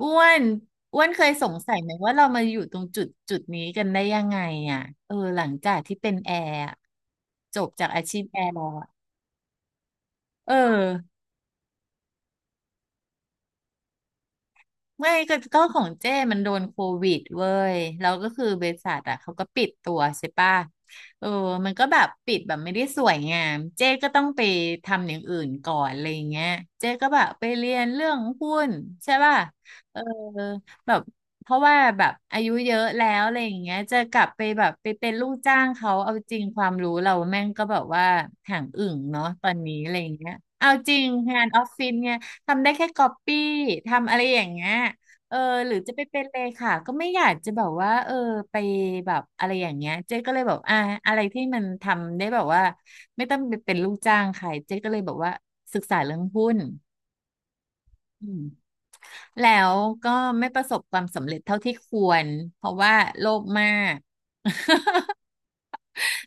อ้วนอ้วนเคยสงสัยไหมว่าเรามาอยู่ตรงจุดจุดนี้กันได้ยังไงอ่ะเออหลังจากที่เป็นแอร์อะจบจากอาชีพแอร์แล้วอะเออ ไม่ก็ของเจ้มันโดนโควิดเว้ยแล้วก็คือบริษัทอ่ะเขาก็ปิดตัวใช่ป่ะเออมันก็แบบปิดแบบไม่ได้สวยงามเจ้ก็ต้องไปทำอย่างอื่นก่อนอะไรอย่างเงี้ยเจ้ก็แบบไปเรียนเรื่องหุ้นใช่ป่ะเออแบบเพราะว่าแบบอายุเยอะแล้วอะไรอย่างเงี้ยจะกลับไปแบบไปเป็นลูกจ้างเขาเอาจริงความรู้เราแม่งก็แบบว่าห่างอึ่งเนาะตอนนี้อะไรอย่างเงี้ยเอาจริงงานออฟฟิศไง ทำได้แค่ก๊อปปี้ทำอะไรอย่างเงี้ยเออหรือจะไปเป็นเลขาก็ไม่อยากจะแบบว่าเออไปแบบอะไรอย่างเงี้ยเจ๊ก็เลยแบบอ่ะอะไรที่มันทำได้แบบว่าไม่ต้องไปเป็นลูกจ้างใครเจ๊ก็เลยบอกว่าศึกษาเรื่องหุ้นอืมแล้วก็ไม่ประสบความสำเร็จเท่าที่ควรเพราะว่าโลภมาก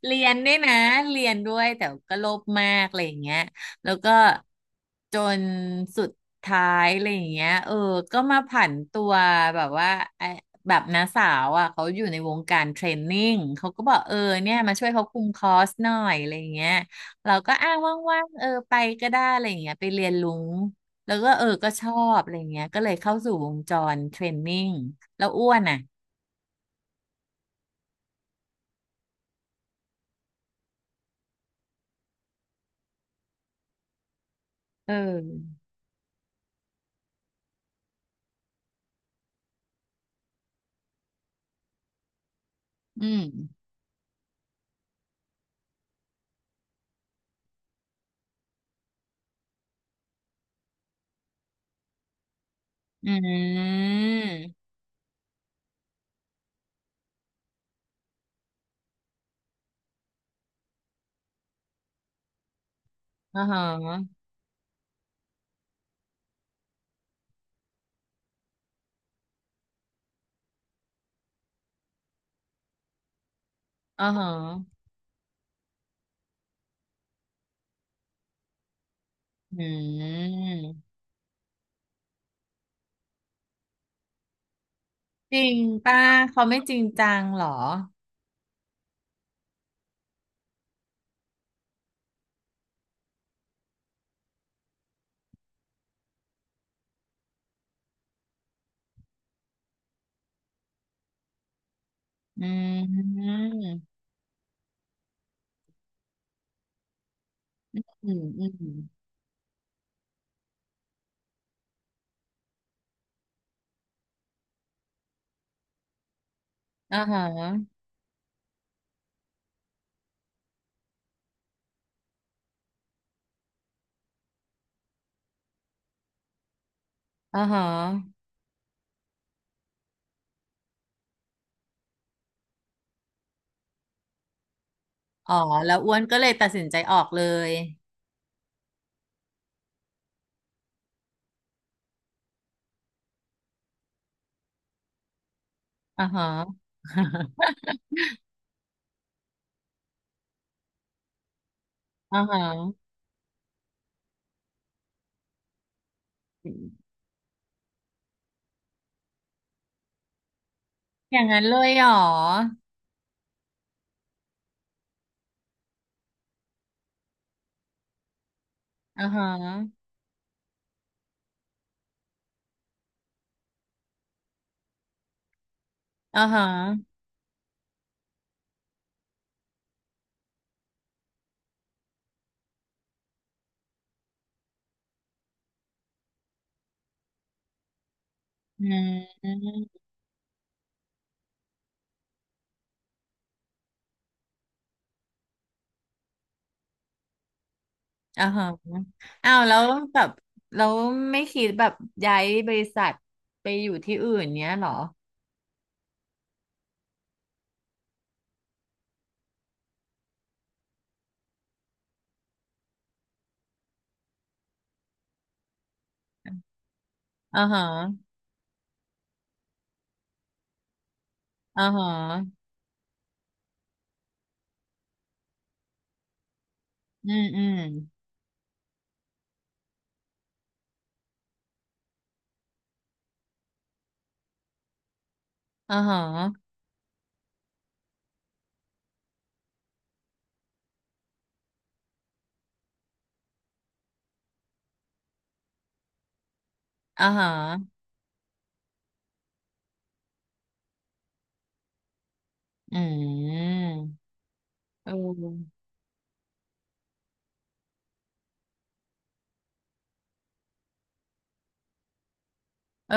เรียนด้วยนะเรียนด้วยแต่ก็โลภมากอะไรอย่างเงี้ย แล้วก็จนสุดท้ายอะไรอย่างเงี้ยเออก็มาผันตัวแบบว่าไอ้แบบน้าสาวอ่ะเขาอยู่ในวงการเทรนนิ่งเขาก็บอกเออเนี่ยมาช่วยเขาคุมคอร์สหน่อยอะไรอย่างเงี้ยเราก็อ้างว่างๆเออไปก็ได้อะไรอย่างเงี้ยไปเรียนรู้แล้วก็เออก็ชอบอะไรอย่างเงี้ยก็เลยเข้าสู่วงจรเทรนนิ่งแล้วอ้วนอ่ะเอออืมอืม อ่าฮะอ่าฮะอืมจริงป้าเขาไม่จริงจังเหรออืมอืมอืมอ่าฮะอ่าฮะอ๋อแล้วอ้วนก็เลยตัดสินใจออกเลยอ่าฮะอ่าฮะอย่างนั้นเลยเหรออ่าฮะอ่าฮะอืมอ่าฮะอ้าวแล้วแบบเราไม่คิดแบบย้ายบริษัทไปอยู่ที่อื่นเนี้ยเหรออ่าฮะอ่าฮะ อืมอืมอ่าฮะอ่าฮะอืมเออเออ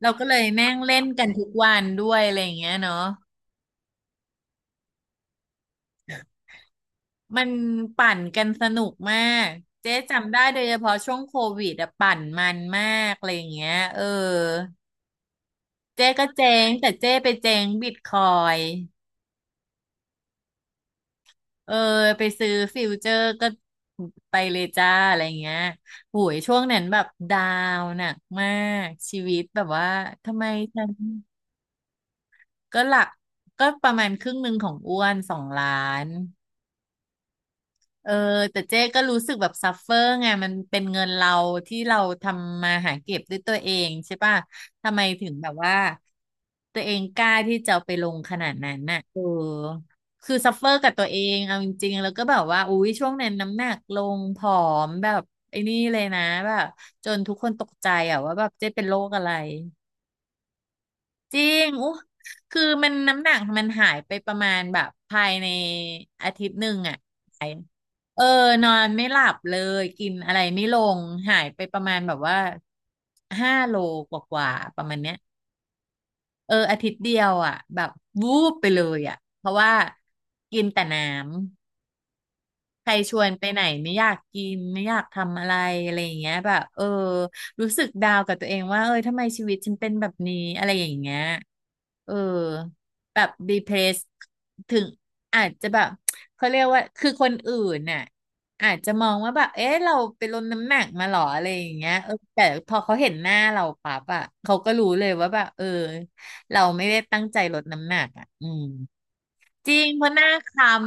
เราก็เลยแม่งเล่นกันทุกวันด้วยอะไรอย่างเงี้ยเนาะมันปั่นกันสนุกมากเจ๊จำได้โดยเฉพาะช่วงโควิดอะปั่นมันมากอะไรอย่างเงี้ยเออเจ๊ก็เจ๊งแต่เจ๊ไปเจ๊งบิตคอย เออไปซื้อฟิวเจอร์ก็ไปเลยจ้าอะไรเงี้ยโหยช่วงนั้นแบบดาวน์หนักมากชีวิตแบบว่าทำไมฉันก็หลักก็ประมาณครึ่งหนึ่งของอ้วนสองล้าน เออแต่เจ๊ก็รู้สึกแบบซัฟเฟอร์ไงมันเป็นเงินเราที่เราทำมาหาเก็บด้วยตัวเองใช่ป่ะทำไมถึงแบบว่าตัวเองกล้าที่จะเอาไปลงขนาดนั้นน่ะเออคือซัฟเฟอร์กับตัวเองเอาจริงๆแล้วก็แบบว่าอุ๊ยช่วงนั้นน้ำหนักลงผอมแบบไอ้นี่เลยนะแบบจนทุกคนตกใจอ่ะว่าแบบเจ๊เป็นโรคอะไรจริงอู้คือมันน้ำหนักมันหายไปประมาณแบบภายในอาทิตย์หนึ่งอ่ะ เออ นอนไม่หลับเลย กินอะไรไม่ลง หายไปประมาณแบบว่า 5 โลกว่าๆประมาณเนี้ยเอออาทิตย์เดียวอ่ะแบบวูบไปเลยอ่ะ เพราะว่ากินแต่น้ำ ใครชวนไปไหนไม่อยากกินไม่อยากทำอะไรอะไรอย่างเงี้ยแบบเออรู้สึกดาวกับตัวเองว่าเอยทำไมชีวิตฉันเป็นแบบนี้อะไรอย่างเงี้ยเออแบบ depressed ถึงอาจจะแบบเขาเรียกว่าคือคนอื่นน่ะอาจจะมองว่าแบบเอ๊ะเราไปลดน้ำหนักมาหรออะไรอย่างเงี้ยเออแต่พอเขาเห็นหน้าเราปั๊บอ่ะเขาก็รู้เลยว่าแบบเออเราไม่ได้ตั้งใจลดน้ำหนักอ่ะอืมจริงเพราะหน้าคล้ำ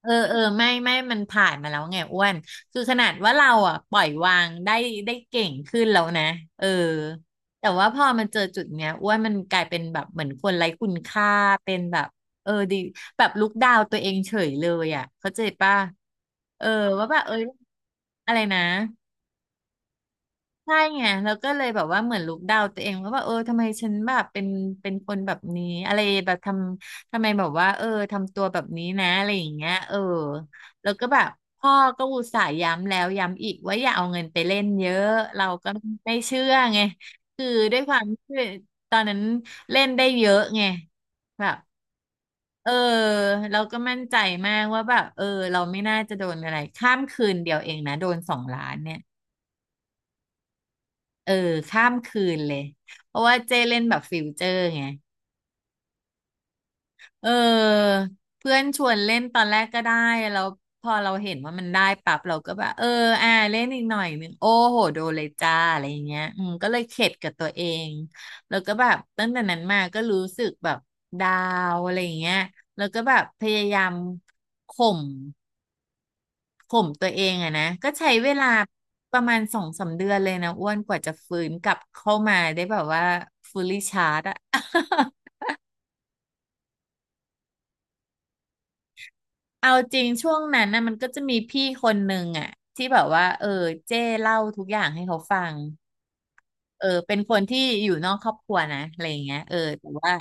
เออเออไม่มันผ่านมาแล้วไงอ้วนคือขนาดว่าเราอ่ะปล่อยวางได้ได้เก่งขึ้นแล้วนะเออแต่ว่าพอมันเจอจุดเนี้ยอ้วนมันกลายเป็นแบบเหมือนคนไร้คุณค่าเป็นแบบเออดีแบบลุกดาวตัวเองเฉยเลยอ่ะเข้าใจป่ะเออว่าแบบเอ้ยอะไรนะ ใช่ไงแล้วก็เลยแบบว่าเหมือนลุกดาวตัวเองว่าแบบเออทำไมฉันแบบเป็นคนแบบนี้อะไรแบบทำไมแบบว่าเออทำตัวแบบนี้นะอะไรอย่างเงี้ยเออแล้วก็แบบพ่อก็อุตส่าห์ย้ำแล้วย้ำอีกว่าอย่าเอาเงินไปเล่นเยอะเราก็ไม่เชื่อไงคือด้วยความที่ตอนนั้นเล่นได้เยอะไงแบบเออเราก็มั่นใจมากว่าแบบเออเราไม่น่าจะโดนอะไรข้ามคืนเดียวเองนะโดนสองล้านเนี่ย เออข้ามคืนเลยเพราะว่าเจ้เล่นแบบฟิวเจอร์ไงเออเพื่อนชวนเล่นตอนแรกก็ได้แล้วพอเราเห็นว่ามันได้ปั๊บเราก็แบบเล่นอีกหน่อยหนึงโอ้โหโดนเลยจ้าอะไรอย่างเงี้ยก็เลยเข็ดกับตัวเองแล้วก็แบบตั้งแต่นั้นมาก็รู้สึกแบบดาวอะไรอย่างเงี้ยแล้วก็แบบพยายามข่ม ผมตัวเองอะนะก็ใช้เวลาประมาณสองสามเดือนเลยนะอ้วนกว่าจะฟื้นกลับเข้ามาได้แบบว่า fully charge อะ เอาจริงช่วงนั้นนะมันก็จะมีพี่คนหนึ่งอะที่แบบว่าเจ้เล่าทุกอย่างให้เขาฟัง เป็นคนที่อยู่นอกครอบครัวนะอะไรอย่างเงี้ยแต่ว่า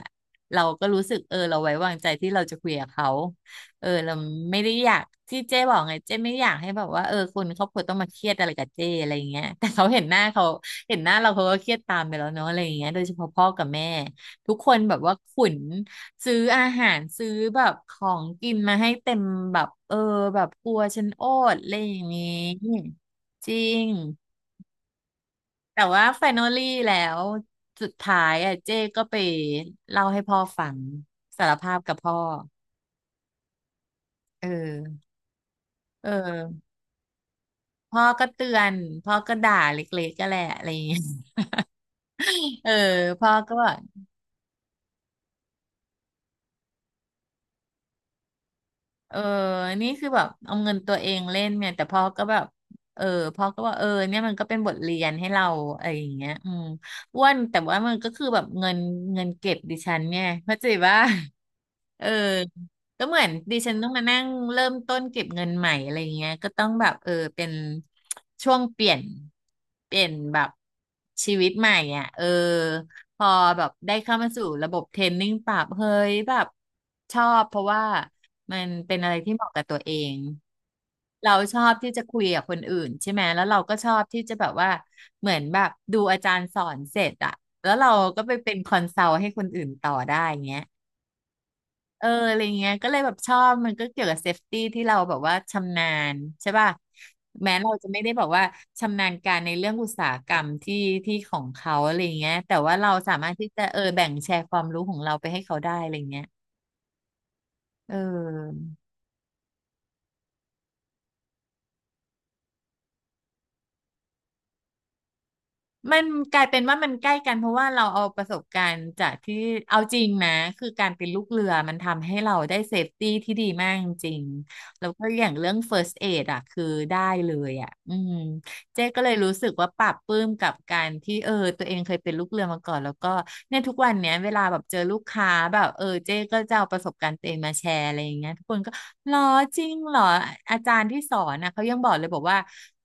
เราก็รู้สึกเราไว้วางใจที่เราจะคุยกับเขาเราไม่ได้อยากที่เจ้บอกไงเจ้ไม่อยากให้แบบว่าคนครอบครัวต้องมาเครียดอะไรกับเจ้อะไรอย่างเงี้ยแต่เขาเห็นหน้าเขาเห็นหน้าเราเขาก็เครียดตามไปแล้วเนาะอะไรอย่างเงี้ยโดยเฉพาะพ่อกับแม่ทุกคนแบบว่าขุนซื้ออาหารซื้อแบบของกินมาให้เต็มแบบแบบกลัวฉันโอดอะไรอย่างงี้จริง แต่ว่าแฟนอลลี่แล้วสุดท้ายอ่ะเจ้ก็ไปเล่าให้พ่อฟังสารภาพกับพ่อเออเออพ่อก็เตือนพ่อก็ด่าเล็กๆก็แหละอะไรอย่างเงี้ย เออพ่อก็บอก เออนี่คือแบบเอาเงินตัวเองเล่นเนี่ยแต่พ่อก็แบบเออพ่อก็ว่าเนี่ยมันก็เป็นบทเรียนให้เราอะไรอย่างเงี้ยอืมอ้วนแต่ว่ามันก็คือแบบเงินเก็บดิฉันเนี่ย เข้าใจว่าเออก็เหมือนดิฉันต้องมานั่งเริ่มต้นเก็บเงินใหม่อะไรอย่างเงี้ยก็ต้องแบบเป็นช่วงเปลี่ยนแบบชีวิตใหม่อ่ะเออ พอแบบได้เข้ามาสู่ระบบเทรนนิ่งปรับเฮ้ยแบบชอบเพราะว่ามันเป็นอะไรที่เหมาะกับตัวเอง เราชอบที่จะคุยกับคนอื่นใช่ไหมแล้วเราก็ชอบที่จะแบบว่าเหมือนแบบดูอาจารย์สอนเสร็จอะแล้วเราก็ไปเป็นคอนซัลท์ให้คนอื่นต่อได้อย่างเงี้ย อะไรเงี้ยก็เลยแบบชอบมันก็เกี่ยวกับเซฟตี้ที่เราแบบว่าชำนาญใช่ป่ะแม้เราจะไม่ได้แบอกว่าชำนาญการในเรื่องอุตสาหกรรมที่ของเขาอะไรเงี้ยแต่ว่าเราสามารถที่จะแบ่งแชร์ความรู้ของเราไปให้เขาได้อะไรเงี้ยเออมันกลายเป็นว่ามันใกล้กันเพราะว่าเราเอาประสบการณ์จากที่เอาจริงนะคือการเป็นลูกเรือมันทำให้เราได้เซฟตี้ที่ดีมากจริงๆแล้วก็อย่างเรื่อง first aid อ่ะคือได้เลยอ่ะอืม เจ๊ก็เลยรู้สึกว่าปลาบปลื้มกับการที่ตัวเองเคยเป็นลูกเรือมาก่อนแล้วก็เนี่ยทุกวันเนี้ยเวลาแบบเจอลูกค้าแบบเจ๊ก็จะเอาประสบการณ์ตัวเองมาแชร์อะไรอย่างเงี้ยทุกคนก็หรอจริงเหรออาจารย์ที่สอนนะเขายังบอกเลยบอกว่า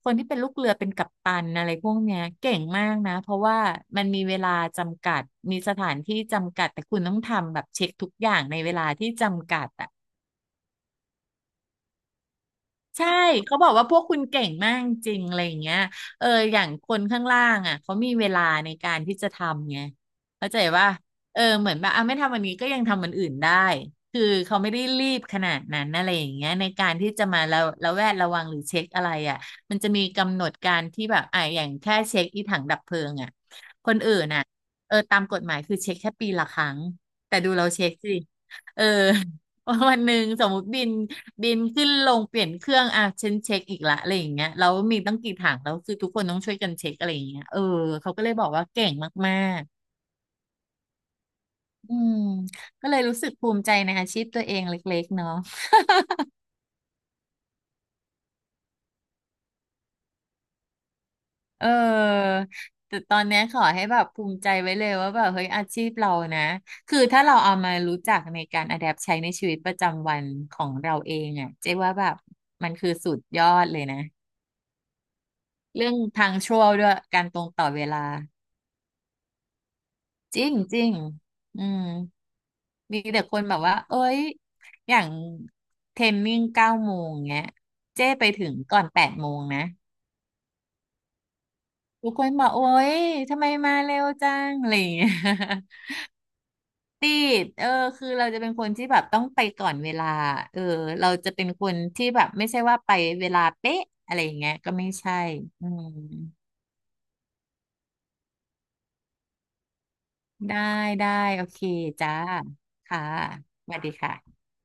คนที่เป็นลูกเรือเป็นกัปตันอะไรพวกเนี้ยเก่งมากนะเพราะว่ามันมีเวลาจำกัดมีสถานที่จำกัดแต่คุณต้องทำแบบเช็คทุกอย่างในเวลาที่จำกัดอะ ใช่เขาบอกว่าพวกคุณเก่งมากจริงอะไรอย่างเงี้ยอย่างคนข้างล่างอ่ะเขามีเวลาในการที่จะทำไงเข้าใจว่าเหมือนแบบอ่ะไม่ทำวันนี้ก็ยังทำวันอื่นได้คือเขาไม่ได้รีบขนาดนั้นอะไรอย่างเงี้ยในการที่จะมาระแวดระวังหรือเช็คอะไรอ่ะมันจะมีกำหนดการที่แบบอ่ะอย่างแค่เช็คอีถังดับเพลิงอ่ะคนอื่นอ่ะตามกฎหมายคือเช็คแค่ปีละครั้งแต่ดูเราเช็คสิเออ วันหนึ่งสมมติบินขึ้นลงเปลี่ยนเครื่องอ่ะฉันเช็คอีกละอะไรอย่างเงี้ยเลามีตั้งกี่ถังแล้วคือทุกคนต้องช่วยกันเช็คอะไรอย่างเงี้ยเขาก็เลยบอกว่าเก่งมากๆอืมก็เลยรู้สึกภูมิใจในอาชีพตัวเองเล็กๆเนาะเออแต่ตอนเนี้ยขอให้แบบภูมิใจไว้เลยว่าแบบเฮ้ยอาชีพเรานะคือถ้าเราเอามารู้จักในการอะแดปใช้ในชีวิตประจำวันของเราเองอ่ะเจ๊ว่าแบบมันคือสุดยอดเลยนะเรื่องทางชั่วด้วยการตรงต่อเวลาจริงจริงอืม มีแต่คนแบบว่าเอ้ยอย่างเทรนนิ่งเก้าโมงเงี้ยเจ้ไปถึงก่อนแปดโมงนะทุกคนบอกโอ้ยทำไมมาเร็วจังอะไรอย่างเงี้ย ติดคือเราจะเป็นคนที่แบบต้องไปก่อนเวลาเออเราจะเป็นคนที่แบบไม่ใช่ว่าไปเวลาเป๊ะอะไรอย่างเงี้ยก็ไม่ใช่อืมได้ได้โอเคจ้าค่ะสวัสดีค่ะ